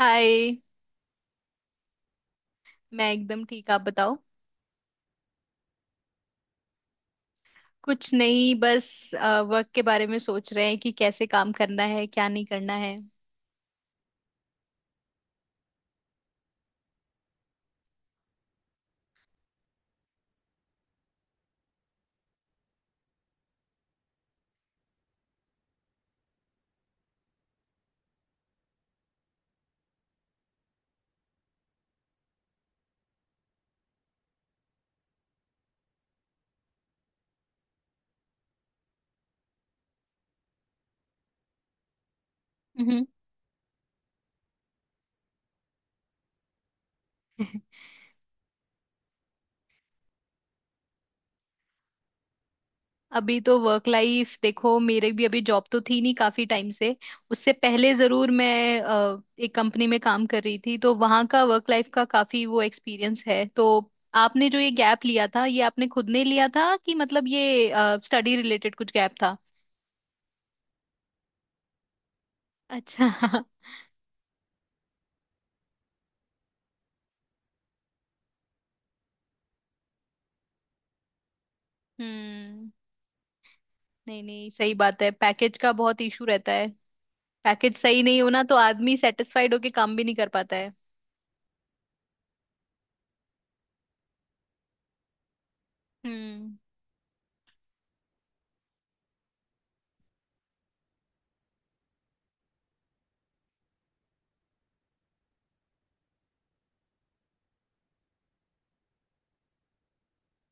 हाय। मैं एकदम ठीक, आप बताओ। कुछ नहीं, बस वर्क के बारे में सोच रहे हैं कि कैसे काम करना है क्या नहीं करना है। हम्म। अभी तो वर्क लाइफ देखो, मेरे भी अभी जॉब तो थी नहीं काफी टाइम से। उससे पहले जरूर मैं एक कंपनी में काम कर रही थी तो वहां का वर्क लाइफ का काफी वो एक्सपीरियंस है तो। आपने जो ये गैप लिया था ये आपने खुद ने लिया था कि मतलब ये स्टडी रिलेटेड कुछ गैप था? अच्छा। हम्म। नहीं नहीं, सही बात है, पैकेज का बहुत इशू रहता है। पैकेज सही नहीं हो ना तो आदमी सेटिस्फाइड होके काम भी नहीं कर पाता है। हम्म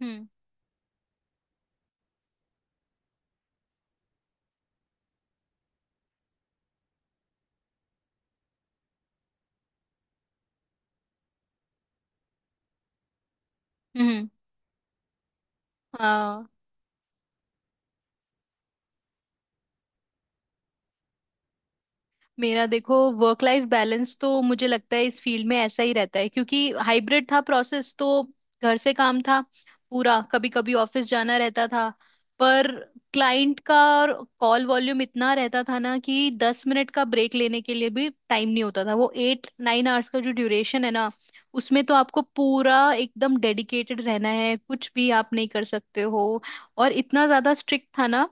हम्म हम्म। हाँ। मेरा देखो वर्क लाइफ बैलेंस तो मुझे लगता है इस फील्ड में ऐसा ही रहता है क्योंकि हाइब्रिड था प्रोसेस तो। घर से काम था पूरा, कभी कभी ऑफिस जाना रहता था। पर क्लाइंट का कॉल वॉल्यूम इतना रहता था ना कि 10 मिनट का ब्रेक लेने के लिए भी टाइम नहीं होता था। वो 8-9 आवर्स का जो ड्यूरेशन है ना, उसमें तो आपको पूरा एकदम डेडिकेटेड रहना है, कुछ भी आप नहीं कर सकते हो। और इतना ज्यादा स्ट्रिक्ट था ना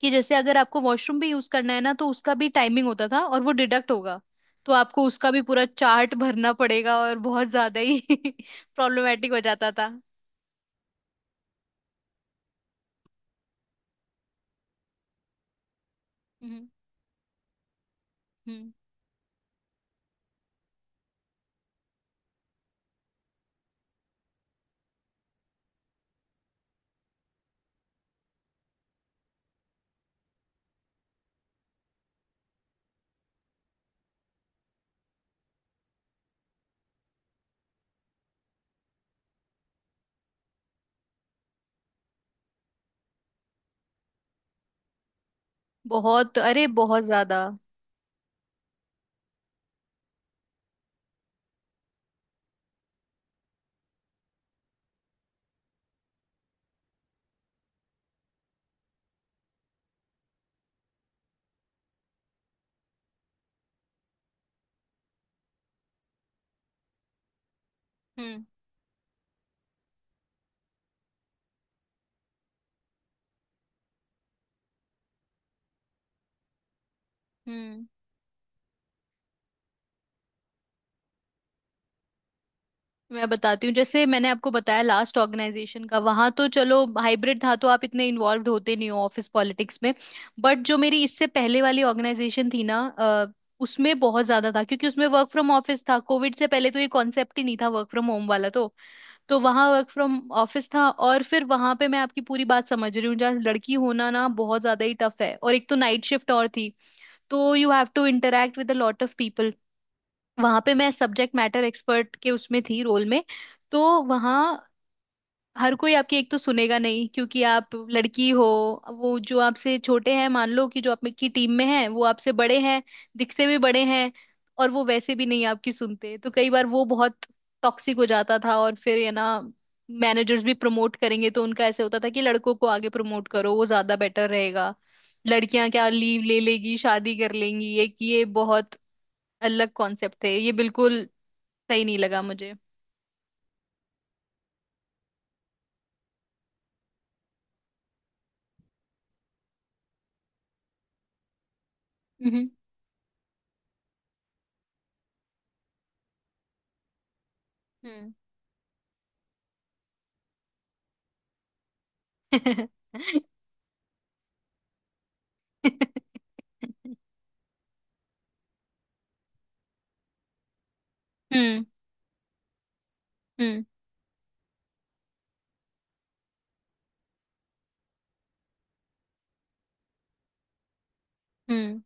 कि जैसे अगर आपको वॉशरूम भी यूज करना है ना तो उसका भी टाइमिंग होता था और वो डिडक्ट होगा, तो आपको उसका भी पूरा चार्ट भरना पड़ेगा और बहुत ज्यादा ही प्रॉब्लमेटिक हो जाता था। हम्म हम्म। बहुत, अरे बहुत ज्यादा। हम्म हम्म। मैं बताती हूँ, जैसे मैंने आपको बताया लास्ट ऑर्गेनाइजेशन का, वहां तो चलो हाइब्रिड था तो आप इतने इन्वॉल्व होते नहीं हो ऑफिस पॉलिटिक्स में। बट जो मेरी इससे पहले वाली ऑर्गेनाइजेशन थी ना उसमें बहुत ज्यादा था क्योंकि उसमें वर्क फ्रॉम ऑफिस था। कोविड से पहले तो ये कॉन्सेप्ट ही नहीं था वर्क फ्रॉम होम वाला, तो वहां वर्क फ्रॉम ऑफिस था और फिर वहां पे मैं आपकी पूरी बात समझ रही हूँ, जहाँ लड़की होना ना बहुत ज्यादा ही टफ है, और एक तो नाइट शिफ्ट और थी तो you have to interact with a lot of people. वहां पे मैं सब्जेक्ट मैटर एक्सपर्ट के उसमें थी रोल में, तो वहां हर कोई आपकी एक तो सुनेगा नहीं क्योंकि आप लड़की हो। वो जो आपसे छोटे हैं, मान लो कि जो आपकी टीम में है वो आपसे बड़े हैं, दिखते भी बड़े हैं, और वो वैसे भी नहीं आपकी सुनते, तो कई बार वो बहुत टॉक्सिक हो जाता था। और फिर ये ना मैनेजर्स भी प्रमोट करेंगे तो उनका ऐसे होता था कि लड़कों को आगे प्रमोट करो वो ज्यादा बेटर रहेगा, लड़कियां क्या लीव ले लेगी शादी कर लेंगी, ये कि ये बहुत अलग कॉन्सेप्ट थे, ये बिल्कुल सही नहीं लगा मुझे। हम्म हम्म। हम्म हम्म हम्म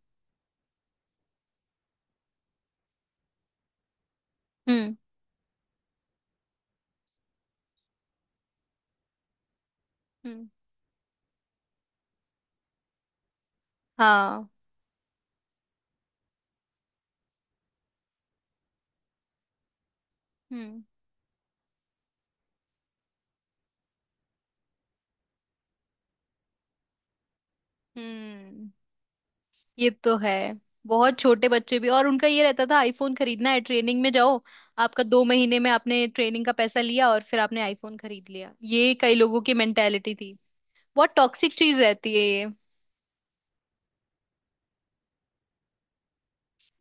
हम्म हम्म। हाँ। हम्म हम्म। ये तो है, बहुत छोटे बच्चे भी। और उनका ये रहता था आईफोन खरीदना है ट्रेनिंग में जाओ। आपका 2 महीने में आपने ट्रेनिंग का पैसा लिया और फिर आपने आईफोन खरीद लिया, ये कई लोगों की मेंटेलिटी थी। बहुत टॉक्सिक चीज रहती है ये।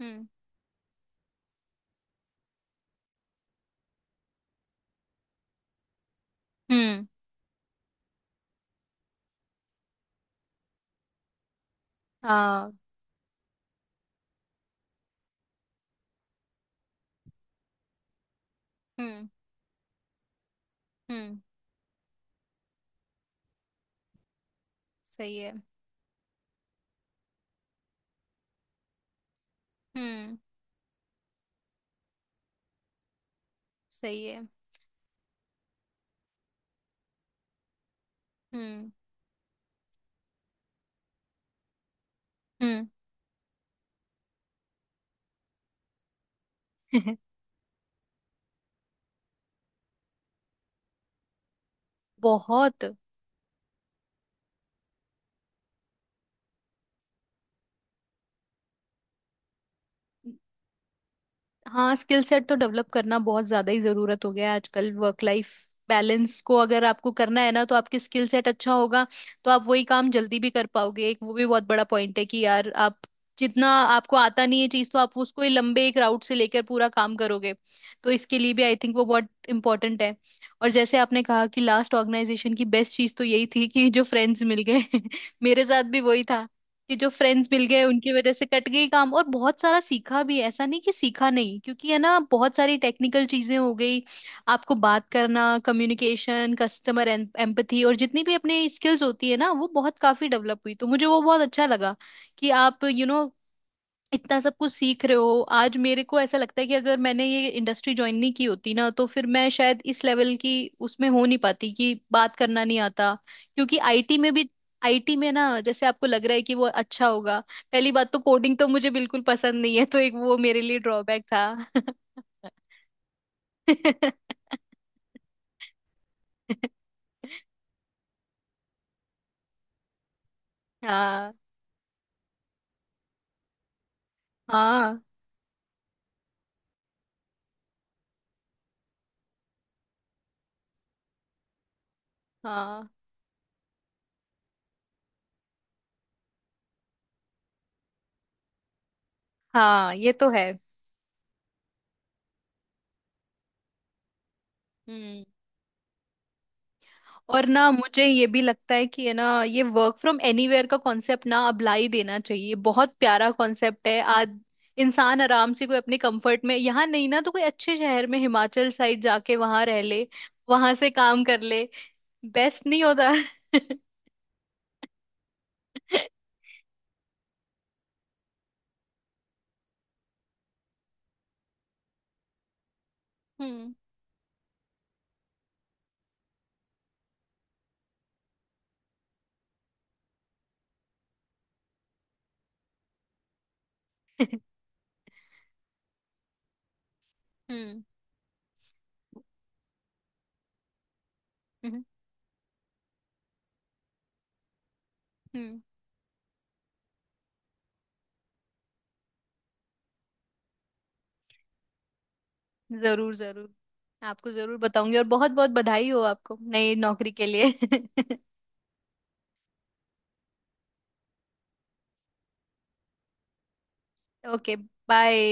हम्म हम्म। हाँ। हम्म हम्म। सही है। हम्म। सही है। हम्म हम्म। बहुत। हाँ स्किल सेट तो डेवलप करना बहुत ज्यादा ही जरूरत हो गया है आजकल। वर्क लाइफ बैलेंस को अगर आपको करना है ना तो आपकी स्किल सेट अच्छा होगा, तो आप वही काम जल्दी भी कर पाओगे। एक वो भी बहुत बड़ा पॉइंट है कि यार आप जितना आपको आता नहीं है चीज, तो आप उसको ही लंबे एक राउट से लेकर पूरा काम करोगे, तो इसके लिए भी आई थिंक वो बहुत इंपॉर्टेंट है। और जैसे आपने कहा कि लास्ट ऑर्गेनाइजेशन की बेस्ट चीज तो यही थी कि जो फ्रेंड्स मिल गए मेरे साथ भी वही था, कि जो फ्रेंड्स मिल गए उनकी वजह से कट गई काम। और बहुत सारा सीखा भी, ऐसा नहीं कि सीखा नहीं, क्योंकि है ना बहुत सारी टेक्निकल चीजें हो गई। आपको बात करना, कम्युनिकेशन, कस्टमर एम्पथी, और जितनी भी अपनी स्किल्स होती है ना, वो बहुत काफी डेवलप हुई, तो मुझे वो बहुत अच्छा लगा कि आप यू you नो know, इतना सब कुछ सीख रहे हो। आज मेरे को ऐसा लगता है कि अगर मैंने ये इंडस्ट्री ज्वाइन नहीं की होती ना तो फिर मैं शायद इस लेवल की उसमें हो नहीं पाती कि बात करना नहीं आता। क्योंकि आईटी में भी, आईटी में ना, जैसे आपको लग रहा है कि वो अच्छा होगा, पहली बात तो कोडिंग तो मुझे बिल्कुल पसंद नहीं है तो एक वो मेरे लिए ड्रॉबैक था। हाँ हाँ हाँ हाँ। ये तो है। हम्म। और ना मुझे ये भी लगता है कि है ना, ये वर्क फ्रॉम एनीवेयर का कॉन्सेप्ट ना अब ला ही देना चाहिए। बहुत प्यारा कॉन्सेप्ट है। आज इंसान आराम से कोई अपने कंफर्ट में, यहाँ नहीं ना तो कोई अच्छे शहर में हिमाचल साइड जाके वहां रह ले, वहां से काम कर ले, बेस्ट नहीं होता? हम्म हम्म हम्म हम्म। जरूर जरूर, आपको जरूर बताऊंगी और बहुत बहुत बधाई हो आपको नई नौकरी के लिए। ओके। बाय।